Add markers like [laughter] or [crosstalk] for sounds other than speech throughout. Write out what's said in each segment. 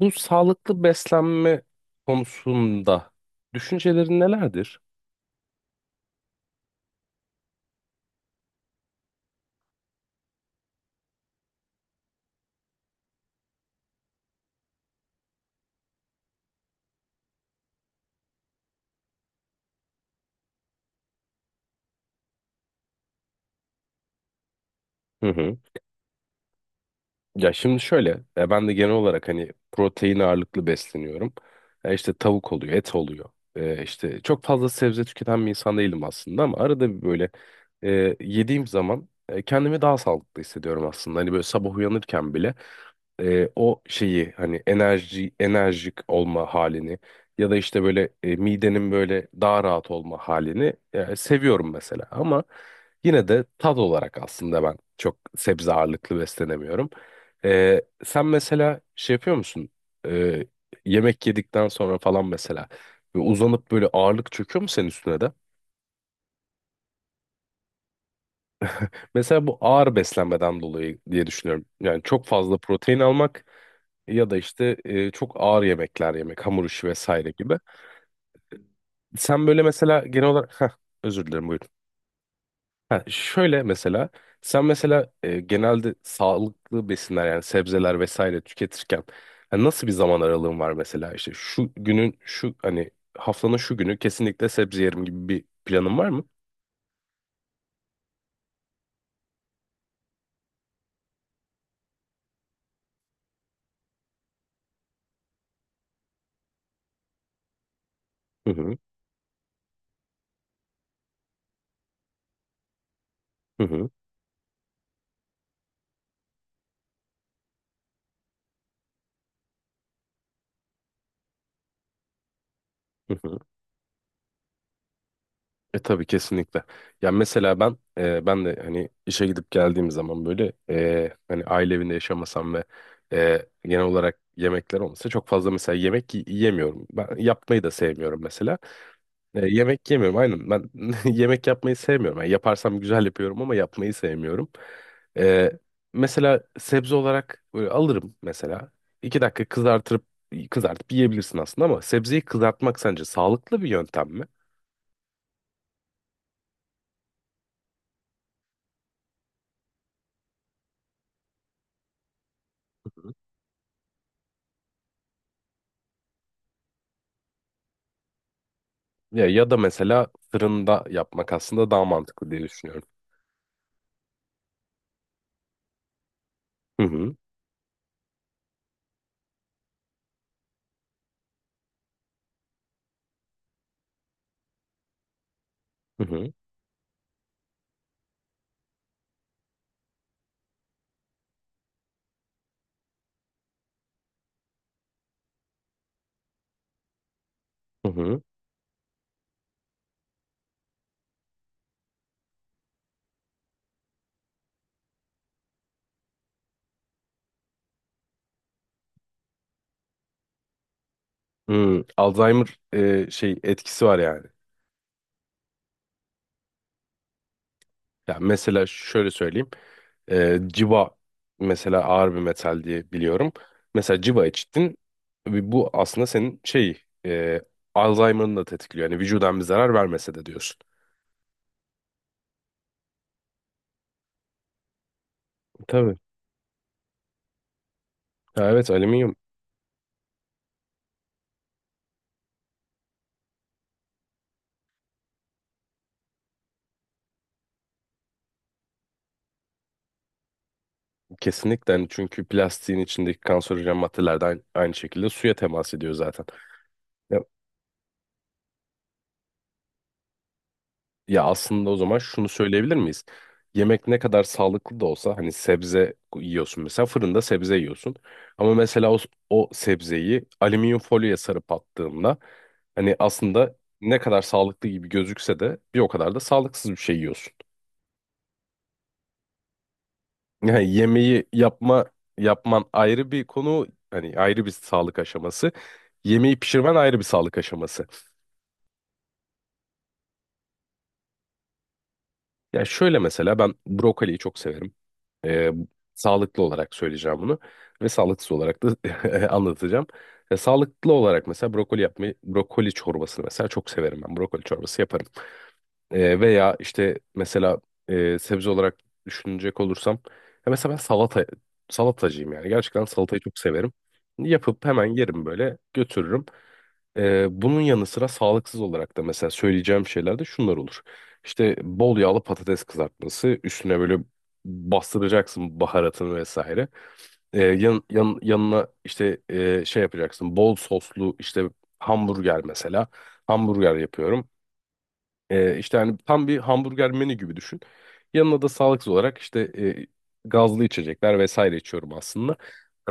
Bu sağlıklı beslenme konusunda düşüncelerin nelerdir? Hı hı. Ya şimdi şöyle, ben de genel olarak hani protein ağırlıklı besleniyorum. E işte tavuk oluyor, et oluyor. E işte çok fazla sebze tüketen bir insan değilim aslında ama arada bir böyle yediğim zaman kendimi daha sağlıklı hissediyorum aslında. Hani böyle sabah uyanırken bile. O şeyi hani enerjik olma halini ya da işte böyle midenin böyle daha rahat olma halini seviyorum mesela ama yine de tat olarak aslında ben çok sebze ağırlıklı beslenemiyorum. E, sen mesela şey yapıyor musun? E, Yemek yedikten sonra falan mesela ve uzanıp böyle ağırlık çöküyor mu senin üstüne de? Mesela bu ağır beslenmeden dolayı diye düşünüyorum. Yani çok fazla protein almak ya da işte çok ağır yemekler yemek, hamur işi vesaire gibi. Sen böyle mesela genel olarak... özür dilerim buyurun. Ha, şöyle mesela sen mesela genelde sağlıklı besinler yani sebzeler vesaire tüketirken ha, nasıl bir zaman aralığın var mesela işte şu günün şu hani haftanın şu günü kesinlikle sebze yerim gibi bir planın var mı? Hı hı hı hı. Hı hı. E tabii kesinlikle. Ya mesela ben de hani işe gidip geldiğim zaman böyle hani aile evinde yaşamasam ve genel olarak yemekler olmasa çok fazla mesela yemiyorum. Ben yapmayı da sevmiyorum mesela. E, yemek yemiyorum aynen ben [laughs] yemek yapmayı sevmiyorum. Yani yaparsam güzel yapıyorum ama yapmayı sevmiyorum. E, mesela sebze olarak böyle alırım mesela. İki dakika kızartıp yiyebilirsin aslında ama sebzeyi kızartmak sence sağlıklı bir yöntem mi? Ya, ya da mesela fırında yapmak aslında daha mantıklı diye düşünüyorum. Hı hı. Hı hı. Hı hı. Hmm, Alzheimer şey etkisi var yani. Ya mesela şöyle söyleyeyim. E, civa mesela ağır bir metal diye biliyorum. Mesela civa içtin. Ve bu aslında senin şey Alzheimer'ını da tetikliyor. Yani vücudan bir zarar vermese de diyorsun. Tabii. Ya evet alüminyum kesinlikle yani çünkü plastiğin içindeki kanserojen maddelerden aynı şekilde suya temas ediyor zaten. Ya aslında o zaman şunu söyleyebilir miyiz? Yemek ne kadar sağlıklı da olsa hani sebze yiyorsun mesela fırında sebze yiyorsun. Ama mesela o, o sebzeyi alüminyum folyoya sarıp attığında hani aslında ne kadar sağlıklı gibi gözükse de bir o kadar da sağlıksız bir şey yiyorsun. Yani yemeği yapma yapman ayrı bir konu hani ayrı bir sağlık aşaması. Yemeği pişirmen ayrı bir sağlık aşaması. Ya şöyle mesela ben brokoliyi çok severim. E, sağlıklı olarak söyleyeceğim bunu ve sağlıksız olarak da [laughs] anlatacağım. E, sağlıklı olarak mesela brokoli yapmayı, brokoli çorbasını mesela çok severim ben. Brokoli çorbası yaparım. E, veya işte mesela sebze olarak düşünecek olursam ya mesela ben salatacıyım yani. Gerçekten salatayı çok severim. Yapıp hemen yerim böyle götürürüm. E, bunun yanı sıra sağlıksız olarak da mesela söyleyeceğim şeyler de şunlar olur. İşte bol yağlı patates kızartması üstüne böyle bastıracaksın baharatını vesaire. Yanına işte şey yapacaksın bol soslu işte hamburger mesela. Hamburger yapıyorum. İşte hani tam bir hamburger menü gibi düşün. Yanına da sağlıksız olarak işte gazlı içecekler vesaire içiyorum aslında.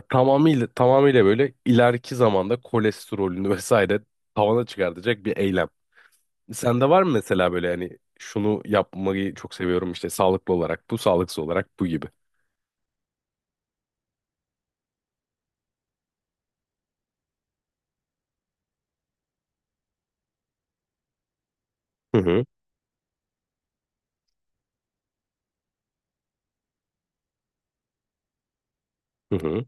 Tamamıyla böyle ileriki zamanda kolesterolünü [laughs] vesaire tavana çıkartacak bir eylem. Sende var mı mesela böyle hani şunu yapmayı çok seviyorum işte sağlıklı olarak bu, sağlıksız olarak bu gibi. Hı hı hı hı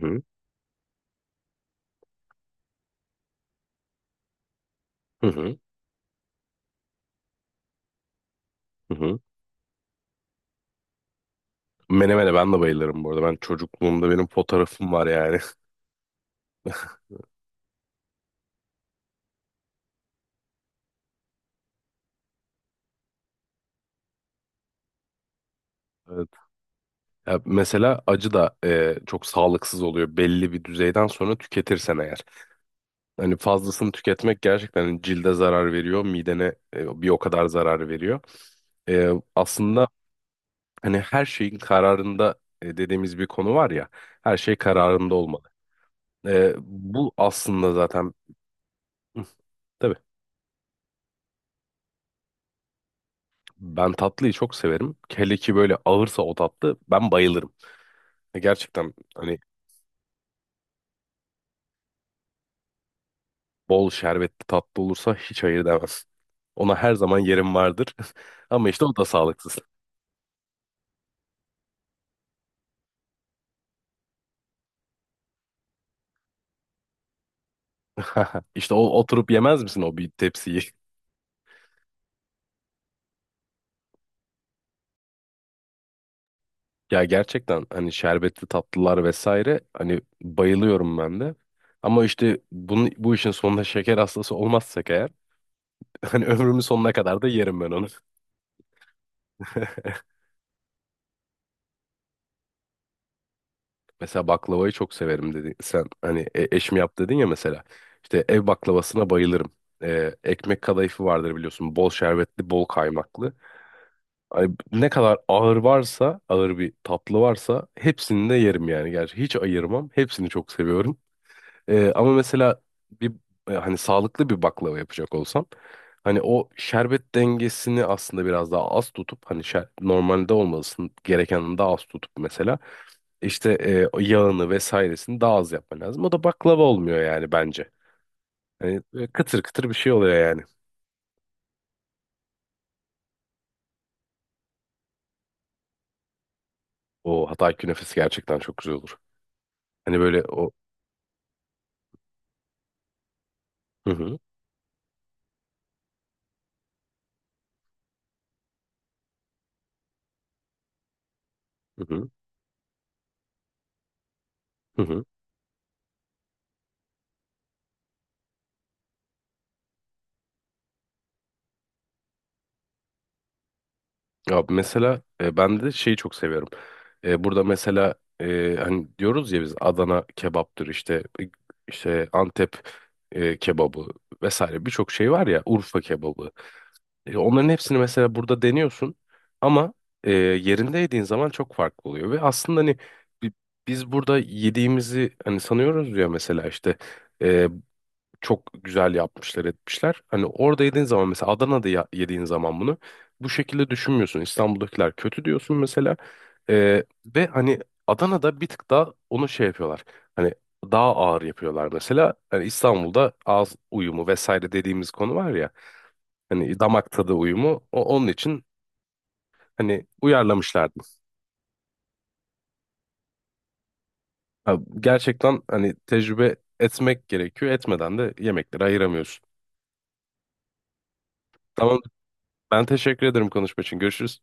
hı hı hı. Hı hı. Menemene ben de bayılırım bu arada. Ben çocukluğumda benim fotoğrafım var yani. [laughs] Ya mesela acı da çok sağlıksız oluyor belli bir düzeyden sonra tüketirsen eğer. Hani fazlasını tüketmek gerçekten hani cilde zarar veriyor, midene bir o kadar zarar veriyor. E, aslında hani her şeyin kararında dediğimiz bir konu var ya, her şey kararında olmalı. E, bu aslında zaten Hı, tabii ben tatlıyı çok severim. Hele ki böyle ağırsa o tatlı ben bayılırım. E, gerçekten hani Bol şerbetli tatlı olursa hiç hayır demez. Ona her zaman yerim vardır. [laughs] Ama işte o da sağlıksız. [laughs] İşte o oturup yemez misin o bir tepsiyi? [laughs] Ya gerçekten hani şerbetli tatlılar vesaire hani bayılıyorum ben de. Ama işte bu işin sonunda şeker hastası olmazsak eğer [laughs] hani ömrümün sonuna kadar da yerim ben onu. [laughs] Mesela baklavayı çok severim dedin. Sen hani eşim yap dedin ya mesela. İşte ev baklavasına bayılırım. Ekmek kadayıfı vardır biliyorsun. Bol şerbetli, bol kaymaklı. Ay, ne kadar ağır varsa, ağır bir tatlı varsa hepsini de yerim yani. Gerçi hiç ayırmam. Hepsini çok seviyorum. Ama mesela bir hani sağlıklı bir baklava yapacak olsam hani o şerbet dengesini aslında biraz daha az tutup normalde olmasın gerekenin daha az tutup mesela işte o yağını vesairesini daha az yapman lazım. O da baklava olmuyor yani bence. Hani kıtır kıtır bir şey oluyor yani. O Hatay künefesi gerçekten çok güzel olur. Hani böyle o Hı hı, hı hı, hı hı. Ya mesela ben de şeyi çok seviyorum. E, burada mesela hani diyoruz ya biz Adana kebaptır işte işte Antep kebabı vesaire birçok şey var ya Urfa kebabı. E, onların hepsini mesela burada deniyorsun ama yerinde yediğin zaman çok farklı oluyor ve aslında hani bi- biz burada yediğimizi hani sanıyoruz ya mesela işte e, çok güzel yapmışlar etmişler. Hani orada yediğin zaman mesela yediğin zaman bunu bu şekilde düşünmüyorsun. İstanbul'dakiler kötü diyorsun mesela. Ve hani Adana'da bir tık daha onu şey yapıyorlar. Hani daha ağır yapıyorlar mesela. Hani İstanbul'da ağız uyumu vesaire dediğimiz konu var ya. Hani damak tadı uyumu o onun için hani uyarlamışlardı. Ha, gerçekten hani tecrübe etmek gerekiyor. Etmeden de yemekleri ayıramıyorsun. Tamam ben teşekkür ederim konuşma için. Görüşürüz.